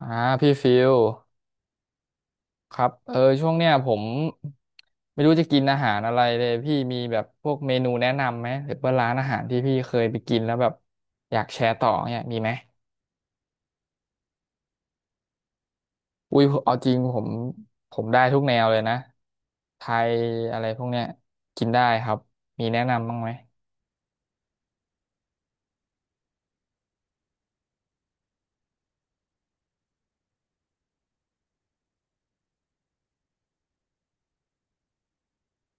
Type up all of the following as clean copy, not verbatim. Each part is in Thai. อ่าพี่ฟิลครับเออช่วงเนี้ยผมไม่รู้จะกินอาหารอะไรเลยพี่มีแบบพวกเมนูแนะนำไหมหรือว่าร้านอาหารที่พี่เคยไปกินแล้วแบบอยากแชร์ต่อเนี่ยมีไหมอุ้ยเอาจริงผมได้ทุกแนวเลยนะไทยอะไรพวกเนี้ยกินได้ครับมีแนะนำบ้างไหม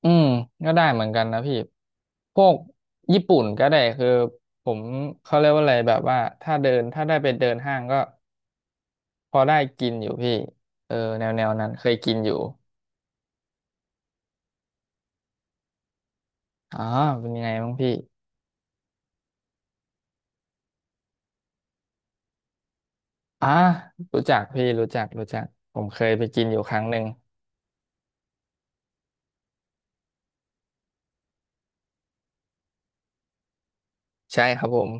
อืมก็ได้เหมือนกันนะพี่พวกญี่ปุ่นก็ได้คือผมเขาเรียกว่าอะไรแบบว่าถ้าเดินถ้าได้ไปเดินห้างก็ พอได้กินอยู่พี่เออแนวแนวนั้นเคยกินอยู่อ๋อเป็นยังไงบ้างพี่อ่ารู้จักพี่รู้จักรู้จักผมเคยไปกินอยู่ครั้งหนึ่งใช่ครับผม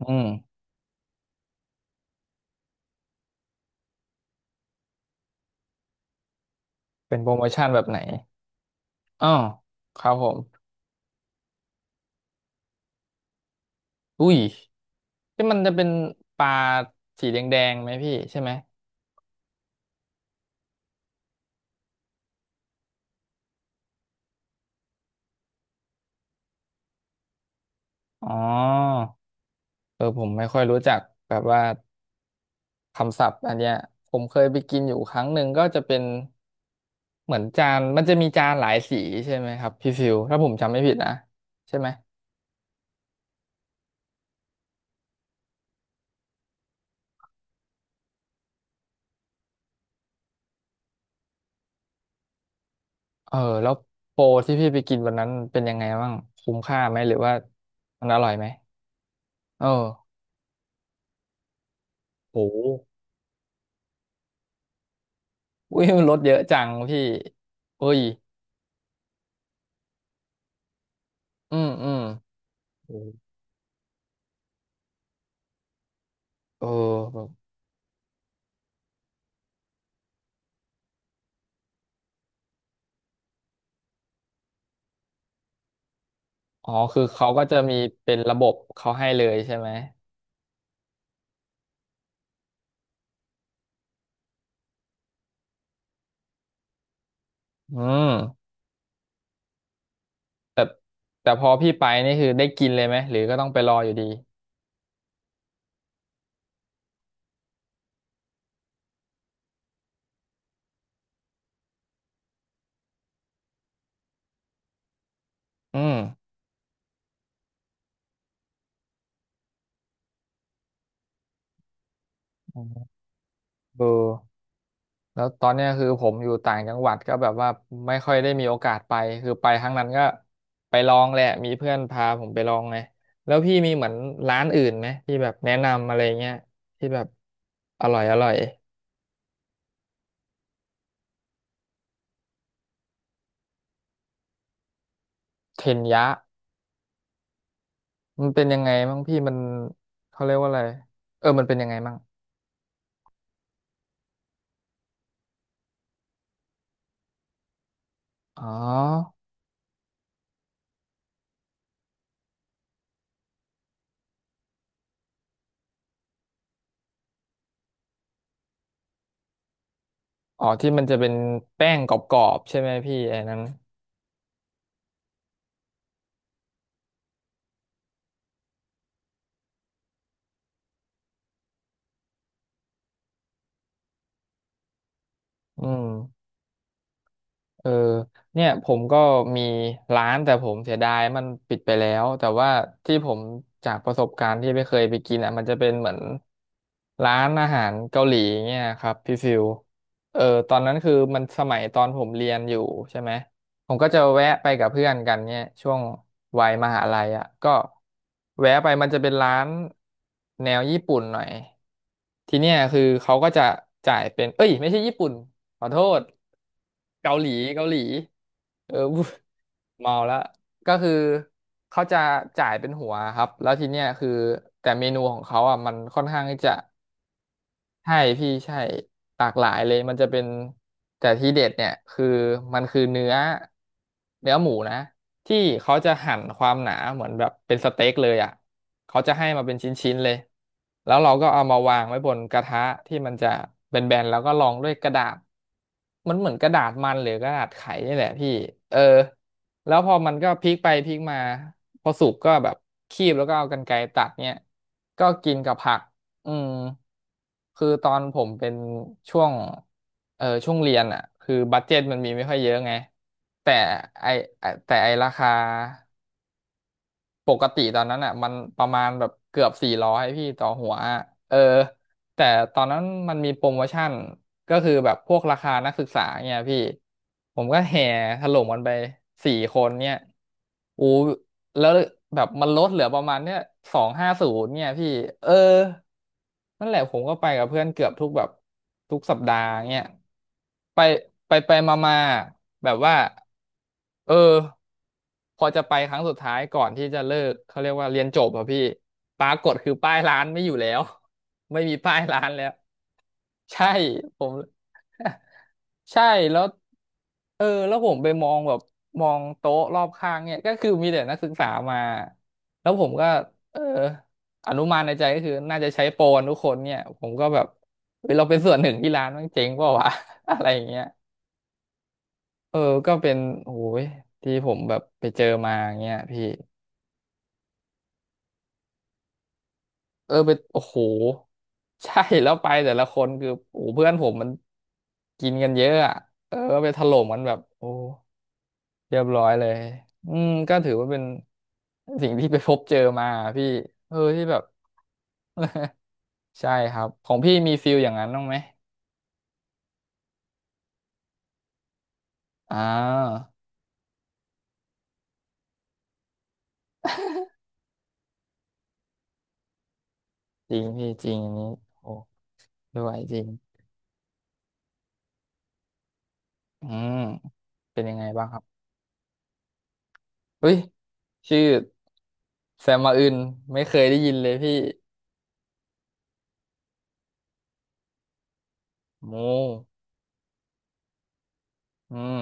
อืมเป็นโปรโมชั่นแบบไหนอ๋อครับผมอุ้ยที่มันจะเป็นปลาสีแดงๆไหมพี่ใช่ไหมอ๋อเออผมไม่ค่อยรู้จักแบบว่า คำศัพท์อันเนี้ยผมเคยไปกินอยู่ครั้งหนึ่งก็จะเป็นเหมือนจานมันจะมีจานหลายสีใช่ไหมครับพี่ฟิวถ้าผมจำไม่ผิดนะใช่ไหมเออแล้วโปรที่พี่ไปกินวันนั้นเป็นยังไงบ้างคุ้มค่าไหมหรือว่ามันอร่อยไหมเออโหอุ้ยมันลดเยอะจังพี่อุ้ยอืมอืมโอืมเออแบบอ๋อคือเขาก็จะมีเป็นระบบเขาให้เลยใช่ไหมอืมแต่พอพี่ไปนี่คือได้กินเลยไหมหรือก็ต้องไปรออยู่ดีอืม อ๋อเออแล้วตอนเนี้ยคือผมอยู่ต่างจังหวัดก็แบบว่าไม่ค่อยได้มีโอกาสไปคือไปครั้งนั้นก็ไปลองแหละมีเพื่อนพาผมไปลองไงแล้วพี่มีเหมือนร้านอื่นไหมที่แบบแนะนำอะไรเงี้ยที่แบบอร่อยอร่อยเทนยะมันเป็นยังไงบ้างพี่มันเขาเรียกว่าอะไรเออมันเป็นยังไงบ้างอ๋ออ๋อที่มันจะเป็นแป้งกรอบๆใช่ไหมพี่ไอ้นั้นอืม เออเนี่ยผมก็มีร้านแต่ผมเสียดายมันปิดไปแล้วแต่ว่าที่ผมจากประสบการณ์ที่ไม่เคยไปกินอ่ะมันจะเป็นเหมือนร้านอาหารเกาหลีเนี่ยครับพี่ฟิวเออตอนนั้นคือมันสมัยตอนผมเรียนอยู่ใช่ไหม ผมก็จะแวะไปกับเพื่อนกันเนี่ยช่วงวัยมหาลัยอ่ะก็แวะไปมันจะเป็นร้านแนวญี่ปุ่นหน่อยทีเนี้ยคือเขาก็จะจ่ายเป็นเอ้ยไม่ใช่ญี่ปุ่นขอโทษเกาหลีเกาหลีเออ พูดเมาแล้วก็คือเขาจะจ่ายเป็นหัวครับแล้วทีเนี้ยคือแต่เมนูของเขาอ่ะมันค่อนข้างที่จะ ใช่พี่ใช่หลากหลายเลยมันจะเป็นแต่ที่เด็ดเนี่ยคือมันคือเนื้อเนื้อหมูนะที่เขาจะหั่นความหนาเหมือนแบบเป็นสเต็กเลยอ่ะเขาจะให้มาเป็นชิ้นๆเลยแล้วเราก็เอามาวางไว้บนกระทะที่มันจะแบนๆแล้วก็รองด้วยกระดาษมันเหมือนกระดาษมันหรือกระดาษไขนี่แหละพี่เออแล้วพอมันก็พลิกไปพลิกมาพอสุกก็แบบคีบแล้วก็เอากรรไกรตัดเนี่ยก็กินกับผัก อืมคือตอนผมเป็นช่วงเออช่วงเรียนอ่ะคือบัดเจ็ตมันมีไม่ค่อยเยอะไงแต่ไอไอ้แต่ไอราคาปกติตอนนั้นอ่ะมันประมาณแบบเกือบ400พี่ต่อหัวอะเออแต่ตอนนั้นมันมีโปรโมชั่นก็คือแบบพวกราคานักศึกษาเนี่ยพี่ผมก็แห่ถล่มกันไป4 คนเนี่ยอู้ แล้วแบบมันลดเหลือประมาณเนี้ย250เนี่ยพี่เออนั่นแหละผมก็ไปกับเพื่อนเกือบทุกแบบทุกสัปดาห์เนี่ยไปไปมามาแบบว่าเออพอจะไปครั้งสุดท้ายก่อนที่จะเลิกเขาเรียกว่าเรียนจบอะพี่ปรากฏคือป้ายร้านไม่อยู่แล้ว ไม่มีป้ายร้านแล้ว ใช่ผม ใช่แล้วเออแล้วผมไปมองแบบมองโต๊ะรอบข้างเนี่ยก็คือมีแต่นักศึกษามาแล้วผมก็เอออนุมานในใจก็คือน่าจะใช้โปรกันทุกคนเนี่ยผมก็แบบเฮ้ยเราเป็นส่วนหนึ่งที่ร้านมันเจ๊งเปล่าวะ อะไรอย่างเงี้ยเออก็เป็นโอ้ยที่ผมแบบไปเจอมาอย่างเงี้ยพี่เออไปโอ้โหใช่แล้วไปแต่ละคนคือโอ้โหเพื่อนผมมันกินกันเยอะอ่ะเออไปถล่มกันแบบโอ้ เรียบร้อยเลยอืมก็ถือว่าเป็นสิ่งที่ไปพบเจอมาพี่เออที่แบบใช่ครับ ของพี่มีฟิลอย่างนั้นบ้างไหมอ่าจริงพี่จริงอันนี้โอ้ด้วยจริงอืมเป็นยังไงบ้างครับเฮ้ยชื่อแซมมาอึนไม่เคยได้ยินเลยพี่โมอืม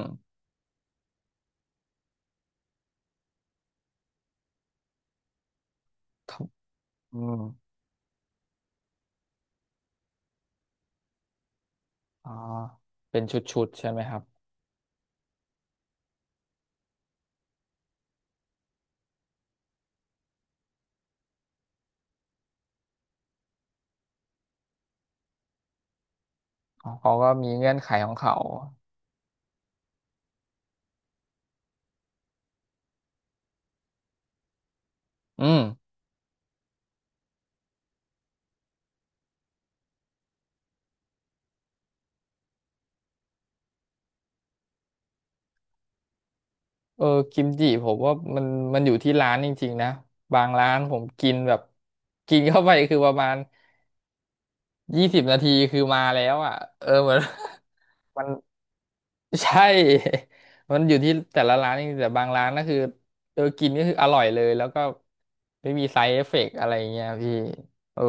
ครับอืมอ๋อเป็นชุดๆใช่ไหมครับอ๋อเขาก็มีเงื่อนไขของเขาอืม เออกิมจิผมว่ามันอยู่ที่ร้านจริงๆนะบางร้านผมกินแบบกินเข้าไปคือประมาณ20 นาทีคือมาแล้วอ่ะเออเหมือน มันใช่ มันอยู่ที่แต่ละร้านจริงๆแต่บางร้านก็คือเออกินก็คืออร่อยเลยแล้วก็ไม่มีไซ d ์เอฟเฟกต์อะไรอย่างเงี้ยพี่เออ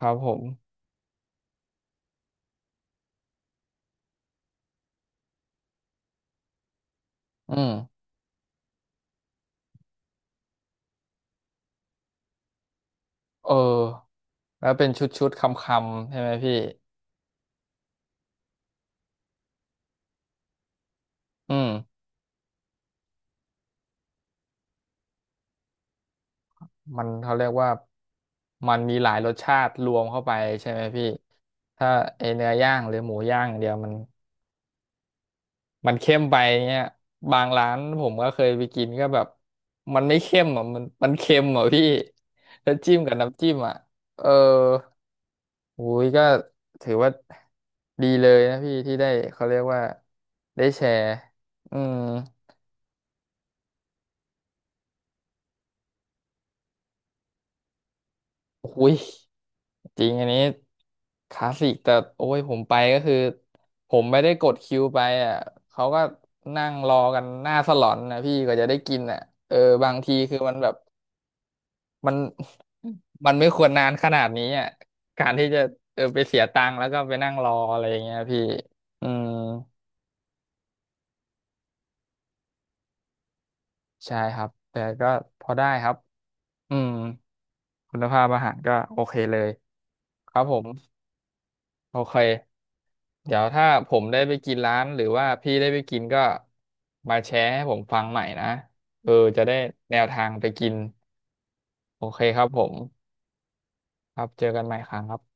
ครับผมอืมเออแล้วเป็นชุดๆคำๆใช่ไหมพี่อืม มันเขาเรียกว่ามันมีหลายรสชาติรวมเข้าไปใช่ไหมพี่ถ้าไอเนื้อย่างหรือหมูย่างอย่างเดียวมันเข้มไปเงี้ยบางร้านผมก็เคยไปกินก็แบบมันไม่เข้มอ่ะมันเค็มอ่ะพี่แล้วจิ้มกับน้ำจิ้มอ่ะเอออุ้ยก็ถือว่าดีเลยนะพี่ที่ได้เขาเรียกว่าได้แชร์อืม อุ้ยจริงอันนี้คลาสสิกแต่โอ้ยผมไปก็คือผมไม่ได้กดคิวไปอ่ะเขาก็นั่งรอกันหน้าสลอนนะพี่ก็จะได้กินอ่ะเออบางทีคือมันแบบมัน มันไม่ควรนานขนาดนี้อ่ะการที่จะเออไปเสียตังค์แล้วก็ไปนั่งรออะไรอย่างเงี้ยพี่อืมใช่ครับแต่ก็พอได้ครับอืมคุณภาพอาหารก็โอเคเลยครับผม โอเค เดี๋ยวถ้าผมได้ไปกินร้านหรือว่าพี่ได้ไปกินก็มาแชร์ให้ผมฟังใหม่นะเออจะได้แนวทางไปกิน โอเคครับผม ครับเจอกันใหม่ครั้งครับ